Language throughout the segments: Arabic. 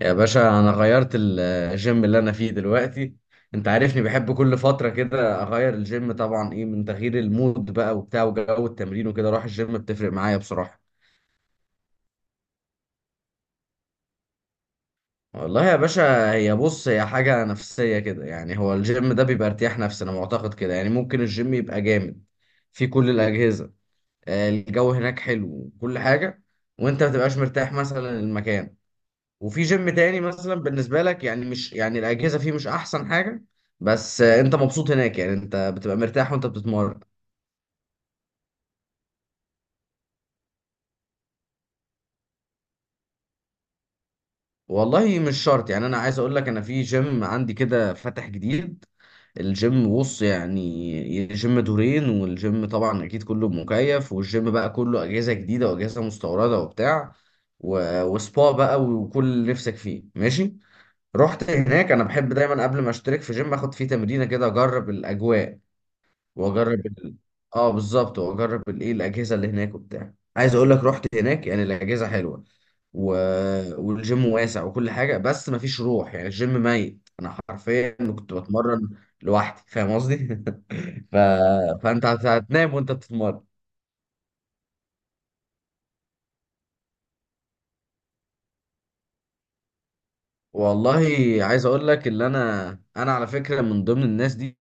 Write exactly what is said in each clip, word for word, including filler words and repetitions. يا باشا انا غيرت ال- الجيم اللي انا فيه دلوقتي. انت عارفني بحب كل فترة كده اغير الجيم، طبعا ايه من تغيير المود بقى وبتاع وجو التمرين وكده اروح الجيم بتفرق معايا بصراحة. والله يا باشا، هي بص هي حاجة نفسية كده، يعني هو الجيم ده بيبقى ارتياح نفسي انا معتقد كده. يعني ممكن الجيم يبقى جامد في كل الأجهزة، آه، الجو هناك حلو وكل حاجة، وانت ما تبقاش مرتاح مثلا المكان، وفي جيم تاني مثلا بالنسبة لك يعني مش يعني الأجهزة فيه مش أحسن حاجة، بس آه، أنت مبسوط هناك يعني أنت بتبقى مرتاح وأنت بتتمرن. والله مش شرط، يعني أنا عايز أقول لك أنا في جيم عندي كده فاتح جديد. الجيم بص يعني جيم دورين، والجيم طبعا أكيد كله مكيف، والجيم بقى كله أجهزة جديدة وأجهزة مستوردة وبتاع، و... وسبا بقى وكل اللي نفسك فيه ماشي. رحت هناك، أنا بحب دايما قبل ما أشترك في جيم أخد فيه تمرينة كده أجرب الأجواء واجرب ال... اه بالظبط، واجرب الايه الاجهزه اللي هناك وبتاع. عايز اقول لك رحت هناك يعني الاجهزه حلوه و... والجيم واسع وكل حاجه، بس مفيش روح، يعني الجيم ميت، انا حرفيا كنت بتمرن لوحدي، فاهم قصدي؟ ف... فانت هت- هتنام وانت بتتمرن. والله عايز اقول لك اللي انا، انا على فكره من ضمن الناس دي،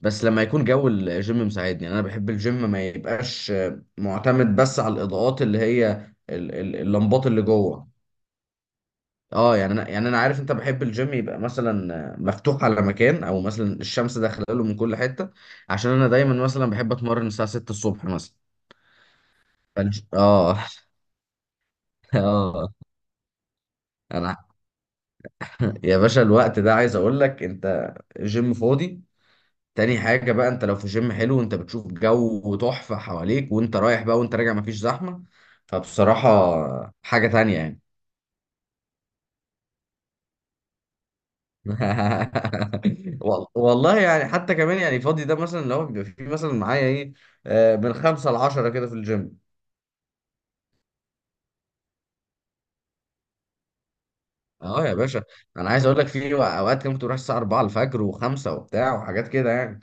بس لما يكون جو الجيم مساعدني. يعني انا بحب الجيم ما يبقاش معتمد بس على الاضاءات اللي هي ال- ال- اللمبات اللي جوه. اه يعني انا يعني انا عارف انت بحب الجيم يبقى مثلا مفتوح على مكان، او مثلا الشمس داخله له من كل حته. عشان انا دايما مثلا بحب اتمرن الساعه ستة الصبح مثلا. فالج- اه اه انا يا باشا الوقت ده، عايز اقول لك انت جيم فاضي. تاني حاجه بقى، انت لو في جيم حلو انت بتشوف جو تحفه حواليك، وانت رايح بقى وانت راجع مفيش زحمه، فبصراحه حاجه تانية يعني. وال- والله يعني حتى كمان يعني فاضي ده، مثلا لو بيبقى في مثلا معايا ايه، آه، من خمسة لعشرة كده في الجيم. اه يا باشا، انا عايز اقول لك في اوقات كده كنت بروح الساعة اربعة الفجر وخمسة وبتاع وحاجات كده يعني.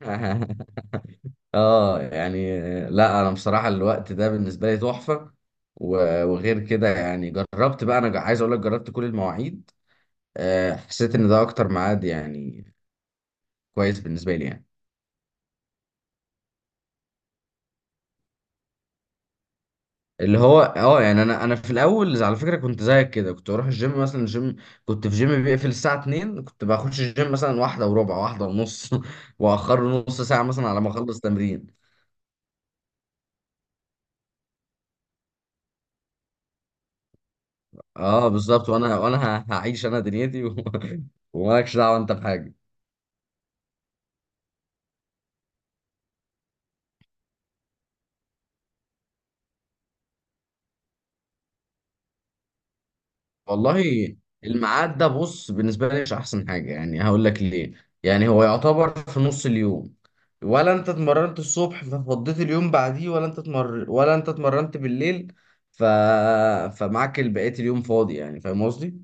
اه يعني آه، لا انا بصراحة الوقت ده بالنسبة لي تحفة. و- وغير كده يعني جربت بقى، انا عايز اقول لك جربت كل المواعيد، آه، حسيت ان ده اكتر ميعاد يعني كويس بالنسبة لي يعني. اللي هو اه يعني انا انا في الاول على فكره كنت زيك كده، كنت بروح الجيم مثلا، الجيم كنت في جيم بيقفل الساعه اتنين، كنت بخش الجيم مثلا واحده وربع واحده ونص واخر نص ساعه مثلا على ما اخلص تمرين. اه بالظبط، وانا وانا ه- هعيش انا دنيتي و... ومالكش دعوه انت بحاجه. والله الميعاد ده بص بالنسبة لي مش أحسن حاجة، يعني هقول لك ليه. يعني هو يعتبر في نص اليوم، ولا أنت اتمرنت الصبح ففضيت اليوم بعديه، ولا أنت اتمر ولا أنت اتمرنت بالليل ف... فمعاك بقية اليوم فاضي، يعني فاهم قصدي؟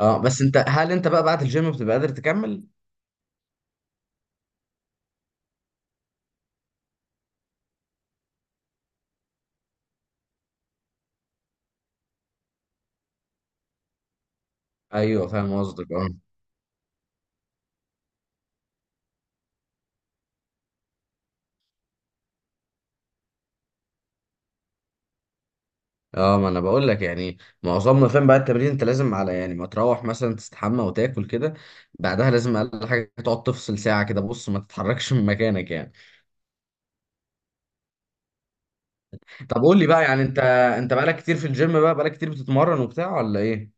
اه بس انت، هل انت بقى بعد الجيم بتبقى قادر تكمل؟ ايوه فاهم قصدك اه. اه ما انا بقول لك يعني معظمنا فاهم بعد التمرين انت لازم على يعني ما تروح مثلا تستحمى وتاكل كده، بعدها لازم اقل حاجه تقعد تفصل ساعه كده بص ما تتحركش من مكانك يعني. طب قول لي بقى، يعني انت انت بقالك كتير في الجيم بقى، بقالك كتير بتتمرن وبتاع ولا ايه؟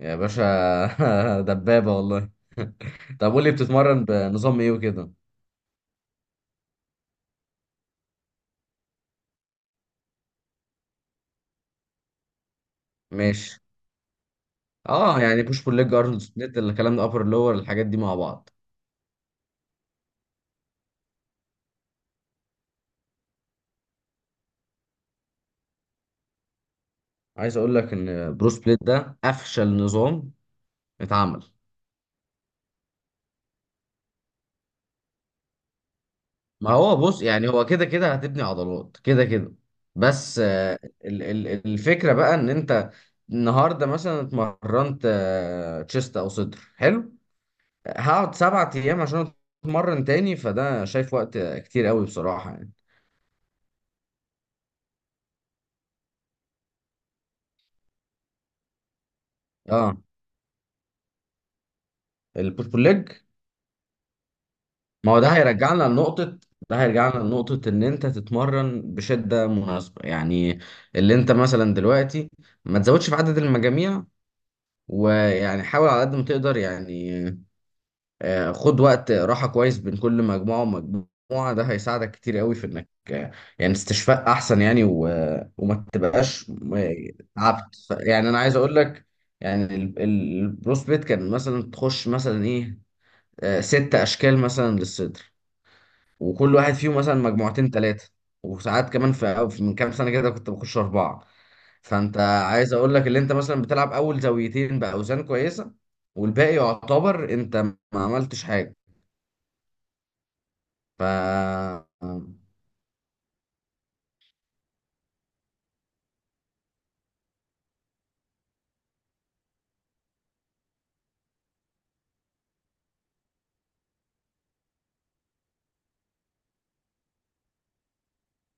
يا باشا دبابة والله. طب قول لي بتتمرن بنظام ايه وكده. ماشي. اه يعني بوش بول ليج، ارنولد سبليت، الكلام ده، ابر لور، الحاجات دي مع بعض. عايز اقول لك ان برو سبليت ده افشل نظام اتعمل. ما هو بص يعني هو كده كده هتبني عضلات كده كده، بس آه، ال- ال- الفكرة بقى ان انت النهارده مثلا اتمرنت تشيست او صدر حلو، هقعد سبعة ايام عشان اتمرن تاني، فده شايف وقت كتير قوي بصراحة يعني. اه البوش بول ليج. ما هو ده هيرجعنا لنقطة، ده هيرجعنا لنقطة ان انت تتمرن بشدة مناسبة يعني. اللي انت مثلا دلوقتي ما تزودش في عدد المجاميع ويعني حاول على قد ما تقدر يعني، آه، خد وقت راحة كويس بين كل مجموعة ومجموعة، ده هيساعدك كتير قوي في انك آه، يعني استشفاء احسن يعني و... وما تبقاش آه، تعبت. ف- يعني انا عايز اقول لك يعني ال- ال- البروسبيت كان مثلا تخش مثلا ايه، آه، ست اشكال مثلا للصدر، وكل واحد فيهم مثلا مجموعتين ثلاثة، وساعات كمان في أو في- من كام سنة كده كنت بخش أربعة. فأنت عايز أقول لك اللي أنت مثلا بتلعب أول زاويتين بأوزان كويسة، والباقي يعتبر أنت ما عملتش حاجة. ف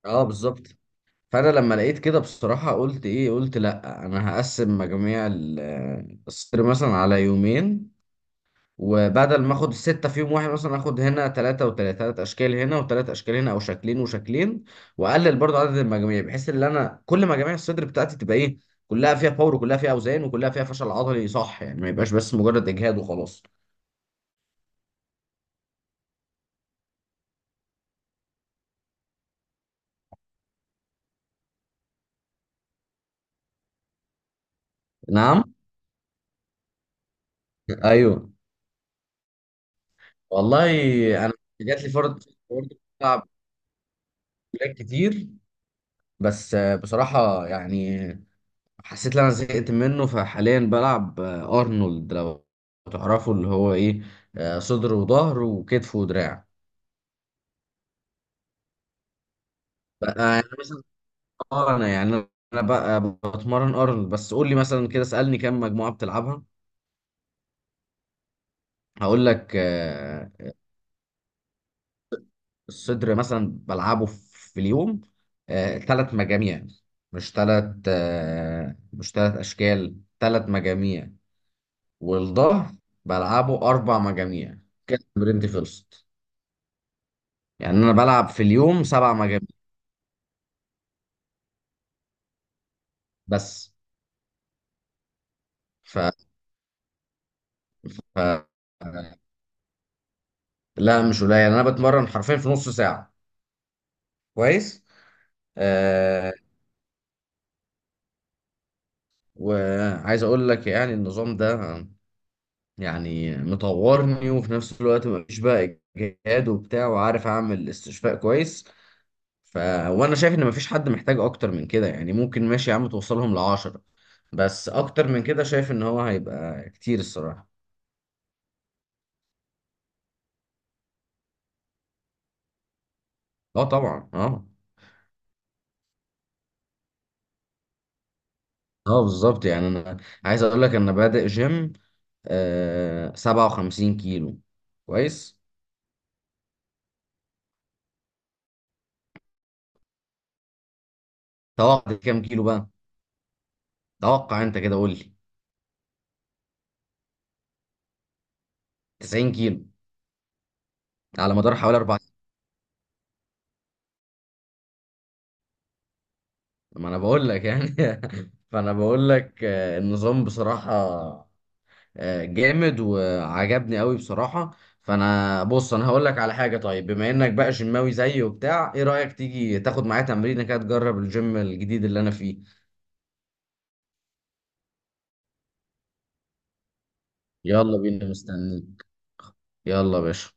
اه بالظبط. فانا لما لقيت كده بصراحه قلت ايه، قلت لا انا هقسم مجاميع ال- الصيد مثلا على يومين، وبدل ما اخد الستة في يوم واحد مثلا اخد هنا ثلاثة وثلاثة، ثلاث اشكال هنا وثلاث اشكال هنا او شكلين وشكلين، واقلل برضو عدد المجاميع، بحيث ان انا كل مجاميع الصدر بتاعتي تبقى ايه، كلها فيها باور وكلها فيها اوزان وكلها فيها فشل عضلي صح، يعني ما يبقاش بس مجرد اجهاد وخلاص. نعم. ايوه. والله انا جات لي فرد برضه، بلعب بلاك كتير، بس آه، بصراحة يعني حسيت ان انا زهقت منه، فحاليا بلعب آه، ارنولد، لو تعرفوا اللي هو ايه، آه، صدر وظهر وكتف ودراع بقى، يعني مثلا اه. انا يعني انا بقى بتمرن ارنولد، بس قول لي مثلا كده اسألني كم مجموعة بتلعبها. هقول لك آه، الصدر مثلا بلعبه في اليوم ثلاث مجاميع، مش ثلاث مش ثلاث اشكال، ثلاث مجاميع. والظهر بلعبه اربع مجاميع، كده تمرينتي خلصت. يعني انا بلعب في اليوم سبع مجاميع بس. ف... ف... لا مش قليل، يعني انا بتمرن حرفيا في نص ساعه كويس. آه... وعايز اقول لك يعني النظام ده يعني مطورني، وفي نفس الوقت مفيش بقى اجهاد وبتاع، وعارف اعمل استشفاء كويس. ف... وانا شايف ان مفيش حد محتاج اكتر من كده، يعني ممكن ماشي يا عم توصلهم لعشرة، بس اكتر من كده شايف ان هو هيبقى كتير الصراحة. اه طبعا اه. اه بالظبط، يعني انا عايز اقول لك انا بادئ جيم آه سبعة وخمسين كيلو. كويس. توقع كام كيلو بقى؟ توقع انت كده قول لي. تسعين كيلو، على مدار حوالي اربع سنين. ما انا بقول لك يعني. فانا بقول لك آه، النظام بصراحة آه، جامد وعجبني قوي بصراحة. فانا بص انا هقول لك على حاجة، طيب بما انك بقى جيماوي زيي وبتاع، ايه رأيك تيجي تاخد معايا تمرينة كده تجرب الجيم الجديد اللي انا فيه؟ يلا بينا مستنيك. يلا يا باشا.